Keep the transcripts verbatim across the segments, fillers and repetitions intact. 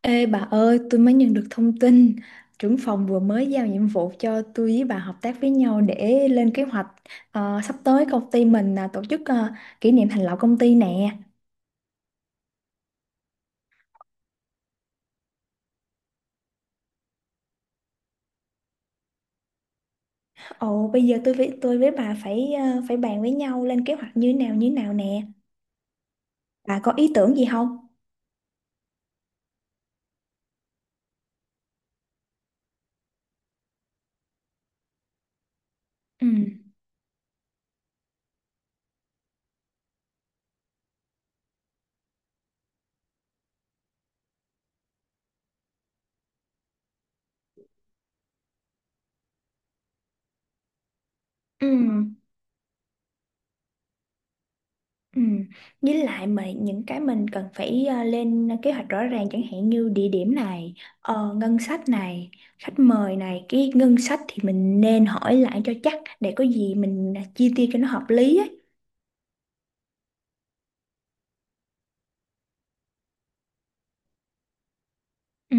Ê bà ơi, tôi mới nhận được thông tin trưởng phòng vừa mới giao nhiệm vụ cho tôi với bà hợp tác với nhau để lên kế hoạch. Ờ, sắp tới công ty mình là tổ chức ờ, kỷ niệm thành lập công ty nè. Ồ, bây giờ tôi với tôi với bà phải ờ, phải bàn với nhau lên kế hoạch như thế nào như thế nào nè. Bà có ý tưởng gì không? Ừ. Ừ. Ừ. Với lại mà những cái mình cần phải ờ, lên kế hoạch rõ ràng chẳng hạn như địa điểm này, ờ, ngân sách này, khách mời này, cái ngân sách thì mình nên hỏi lại cho chắc để có gì mình chia tiêu cho nó hợp lý ấy. Ừ.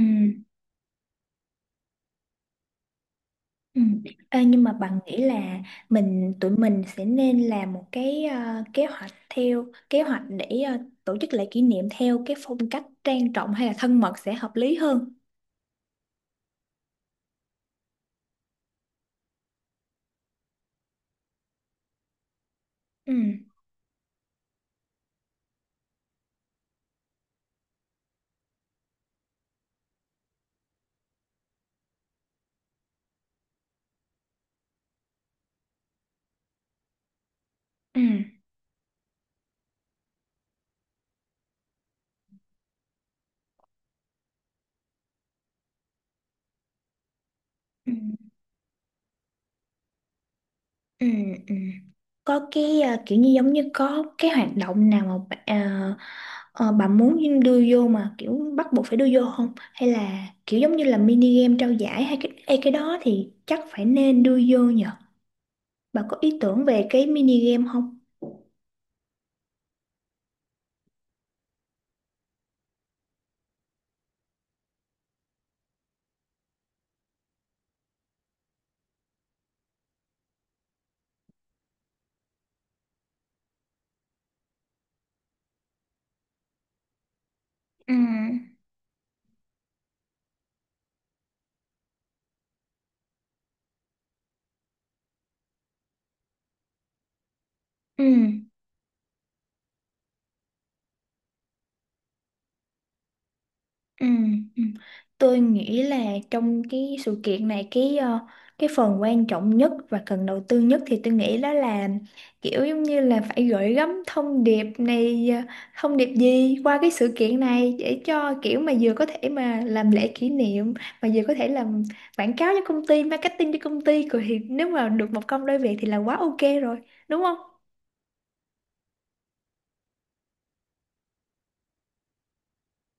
Ừ. Ê, nhưng mà bạn nghĩ là mình tụi mình sẽ nên làm một cái ờ, kế hoạch theo kế hoạch để ờ, tổ chức lễ kỷ niệm theo cái phong cách trang trọng hay là thân mật sẽ hợp lý hơn. Ừ. Ừ. Ừ. Ừ, ừ. Có cái à, kiểu như giống như có cái hoạt động nào mà bà, à, ờ, bà muốn đưa vô mà kiểu bắt buộc phải đưa vô không? Hay là kiểu giống như là mini game trao giải hay cái hay cái đó thì chắc phải nên đưa vô nhờ. Bà có ý tưởng về cái mini game không? Ừ. Ừ. Ừ, ừ. Tôi nghĩ là trong cái sự kiện này cái ờ, cái phần quan trọng nhất và cần đầu tư nhất thì tôi nghĩ đó là kiểu giống như là phải gửi gắm thông điệp này, ờ, thông điệp gì qua cái sự kiện này để cho kiểu mà vừa có thể mà làm lễ kỷ niệm mà vừa có thể làm quảng cáo cho công ty, marketing cho công ty, rồi thì nếu mà được một công đôi việc thì là quá ok rồi, đúng không?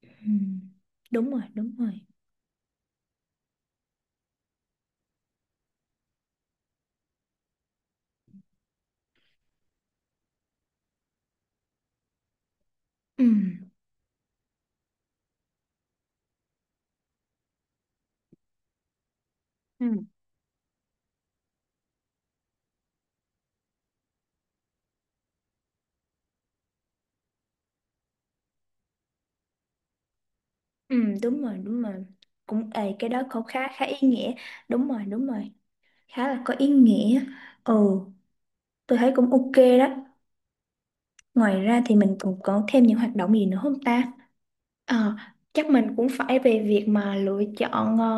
Ừ, đúng rồi, đúng rồi. Ừ. Ừ, đúng rồi, đúng rồi. Cũng ê, cái đó cũng khá khá ý nghĩa. Đúng rồi, đúng rồi. Khá là có ý nghĩa. Ừ, tôi thấy cũng ok đó. Ngoài ra thì mình còn có thêm những hoạt động gì nữa không ta? Ờ, chắc mình cũng phải về việc mà lựa chọn ờ,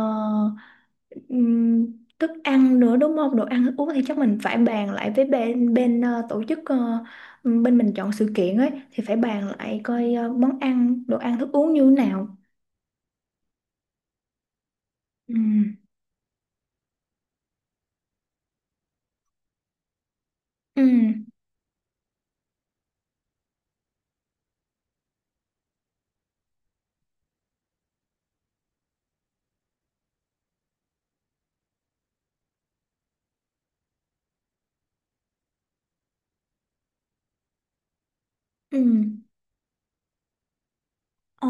ừm, thức ăn nữa, đúng không? Đồ ăn thức uống thì chắc mình phải bàn lại với bên bên ờ, tổ chức, ờ, bên mình chọn sự kiện ấy, thì phải bàn lại coi ờ, món ăn, đồ ăn thức uống như thế nào. Ừ. Ừ. Ừ. Ờ,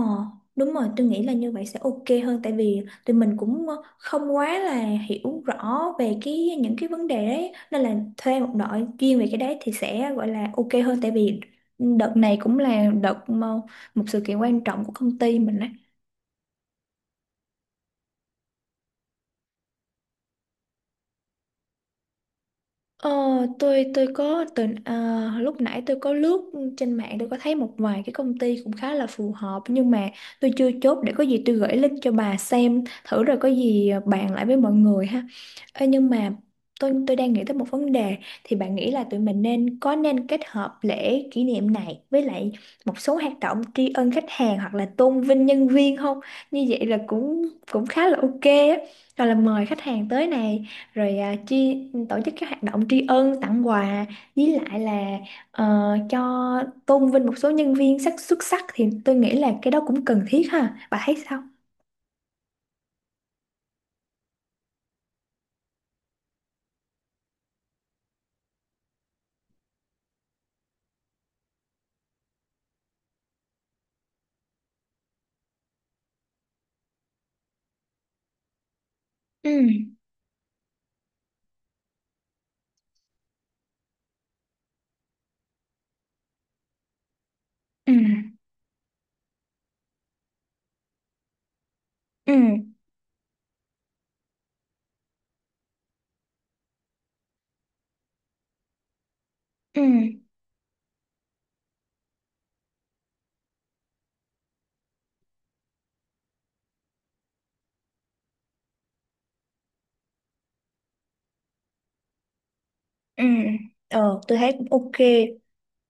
đúng rồi, tôi nghĩ là như vậy sẽ ok hơn tại vì tụi mình cũng ờ, không quá là hiểu rõ về cái những cái vấn đề đấy nên là thuê một đội chuyên về cái đấy thì sẽ gọi là ok hơn, tại vì đợt này cũng là đợt mà một sự kiện quan trọng của công ty mình đấy. Ờ, tôi tôi có từ à, lúc nãy tôi có lướt trên mạng, tôi có thấy một vài cái công ty cũng khá là phù hợp nhưng mà tôi chưa chốt, để có gì tôi gửi link cho bà xem thử rồi có gì ờ, bàn lại với mọi người ha. Ê, nhưng mà tôi tôi đang nghĩ tới một vấn đề, thì bạn nghĩ là tụi mình nên có nên kết hợp lễ kỷ niệm này với lại một số hoạt động tri ân khách hàng hoặc là tôn vinh nhân viên không? Như vậy là cũng cũng khá là ok á. Rồi là mời khách hàng tới nè, rồi à, tri tổ chức các hoạt động tri ân tặng quà, với lại là ờ, cho tôn vinh một số nhân viên sắc xuất sắc thì tôi nghĩ là cái đó cũng cần thiết ha, bà thấy sao? Ừ. Ừ. Ừ. Ừ. Ừ. Ờ, tôi thấy cũng ok.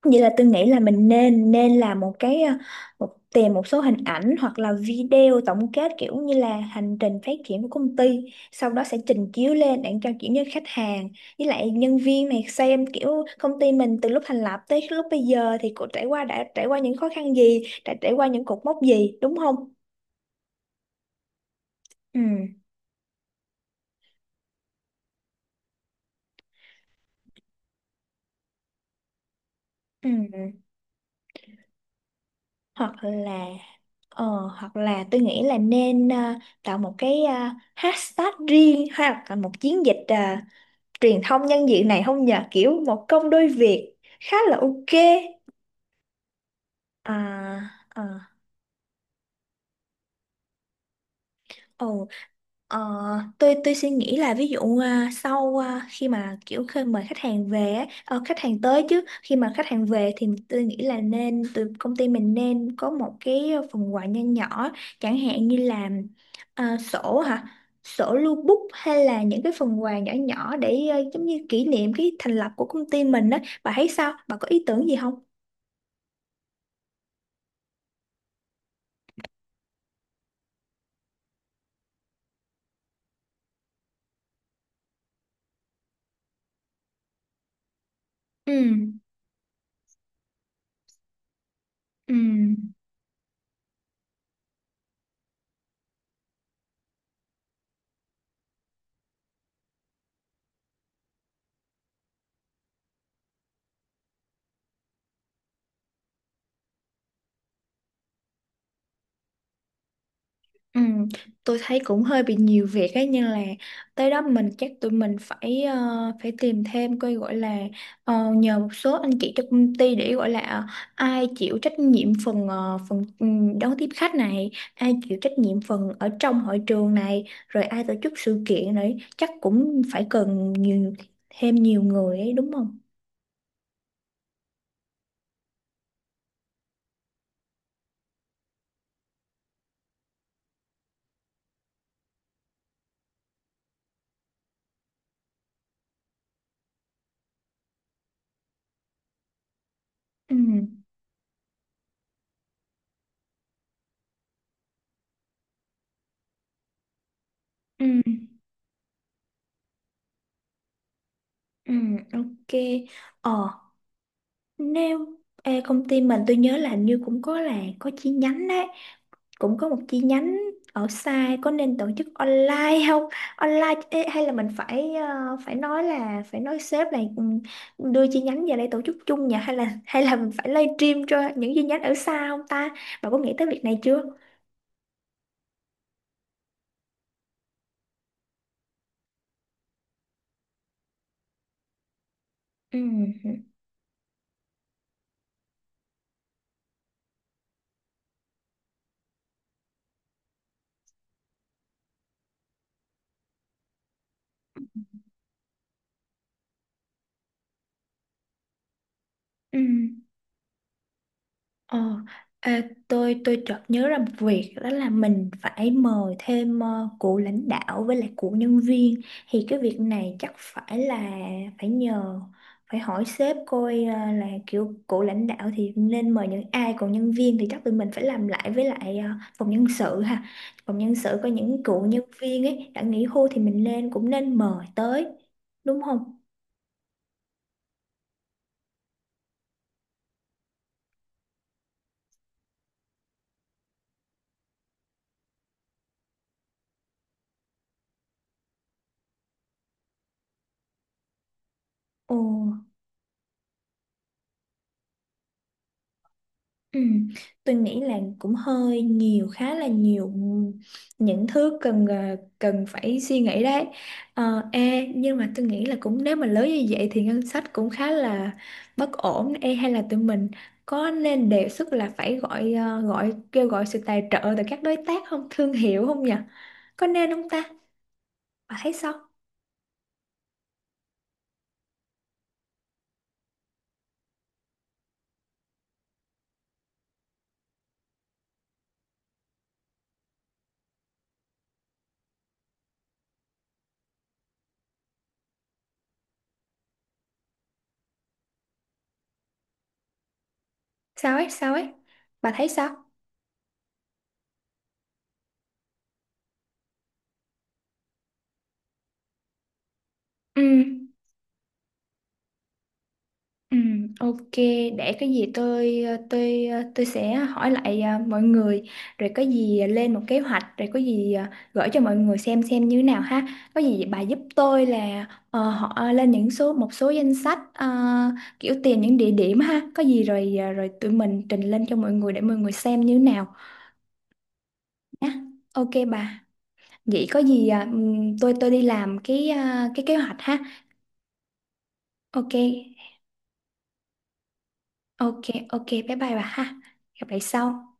Vậy là tôi nghĩ là mình nên nên làm một cái ờ, một, tìm một số hình ảnh hoặc là video tổng kết kiểu như là hành trình phát triển của công ty, sau đó sẽ trình chiếu lên để cho kiểu như khách hàng với lại nhân viên này xem kiểu công ty mình từ lúc thành lập tới lúc bây giờ thì cô trải qua đã trải qua những khó khăn gì, đã trải qua những cột mốc gì, đúng không? Ừ. Ừ. Hoặc là ờ, hoặc là tôi nghĩ là nên ờ, tạo một cái ờ, hashtag riêng hoặc là một chiến dịch ờ, truyền thông nhân diện này không nhờ, kiểu một công đôi việc, khá là ok. à, à, ồ, ờ, tôi tôi suy nghĩ là ví dụ à, sau à, khi mà kiểu khi mời khách hàng về á, ờ, khách hàng tới chứ khi mà khách hàng về thì tôi nghĩ là nên từ công ty mình nên có một cái phần quà nho nhỏ, chẳng hạn như là à, sổ hả sổ lưu bút hay là những cái phần quà nhỏ nhỏ để à, giống như kỷ niệm cái thành lập của công ty mình á, bà thấy sao, bà có ý tưởng gì không? Ừ, ừ, ừ. Tôi thấy cũng hơi bị nhiều việc ấy nhưng là tới đó mình chắc tụi mình phải ờ, phải tìm thêm coi gọi là ờ, nhờ một số anh chị trong công ty để gọi là ờ, ai chịu trách nhiệm phần ờ, phần ừ, đón tiếp khách này, ai chịu trách nhiệm phần ở trong hội trường này, rồi ai tổ chức sự kiện đấy, chắc cũng phải cần nhiều thêm nhiều người ấy, đúng không? Ừ, ừ, ừ, ok. Ờ, nếu ê, công ty mình tôi nhớ là hình như cũng có là có chi nhánh đấy, cũng có một chi nhánh ở xa, có nên tổ chức online không, online ê, hay là mình phải ờ, phải nói là phải nói sếp là ừ, đưa chi nhánh về đây tổ chức chung nhỉ, hay là hay là mình phải live stream cho những chi nhánh ở xa không ta, bà có nghĩ tới việc này chưa? Ừ. Ừ. Ờ, à, tôi tôi chợt nhớ ra một việc đó là mình phải mời thêm ờ, cụ lãnh đạo với lại cụ nhân viên, thì cái việc này chắc phải là phải nhờ phải hỏi sếp coi ờ, là kiểu cụ lãnh đạo thì nên mời những ai, còn nhân viên thì chắc tụi mình phải làm lại với lại ờ, phòng nhân sự ha, phòng nhân sự có những cụ nhân viên ấy đã nghỉ hưu thì mình nên cũng nên mời tới, đúng không? Ồ. Ừ, tôi nghĩ là cũng hơi nhiều, khá là nhiều những thứ cần ờ, cần phải suy nghĩ đấy. Ờ, ê, nhưng mà tôi nghĩ là cũng nếu mà lớn như vậy thì ngân sách cũng khá là bất ổn, ê, hay là tụi mình có nên đề xuất là phải gọi ờ, gọi kêu gọi sự tài trợ từ các đối tác không, thương hiệu không nhỉ, có nên không ta, bà thấy sao? Sao ấy sao ấy, bà thấy sao? Ừ. Ừ, ok, để cái gì tôi tôi tôi sẽ hỏi lại à, mọi người rồi có gì lên một kế hoạch rồi có gì à, gửi cho mọi người xem xem như thế nào ha. Có gì bà giúp tôi là ờ, họ lên những số một số danh sách ờ, kiểu tìm những địa điểm ha. Có gì rồi à, rồi tụi mình trình lên cho mọi người để mọi người xem như thế nào nhá. Ok bà. Vậy có gì à, ừm, tôi tôi đi làm cái à, cái kế hoạch ha. Ok. Ok, ok, bye bye bà ha. Gặp lại sau.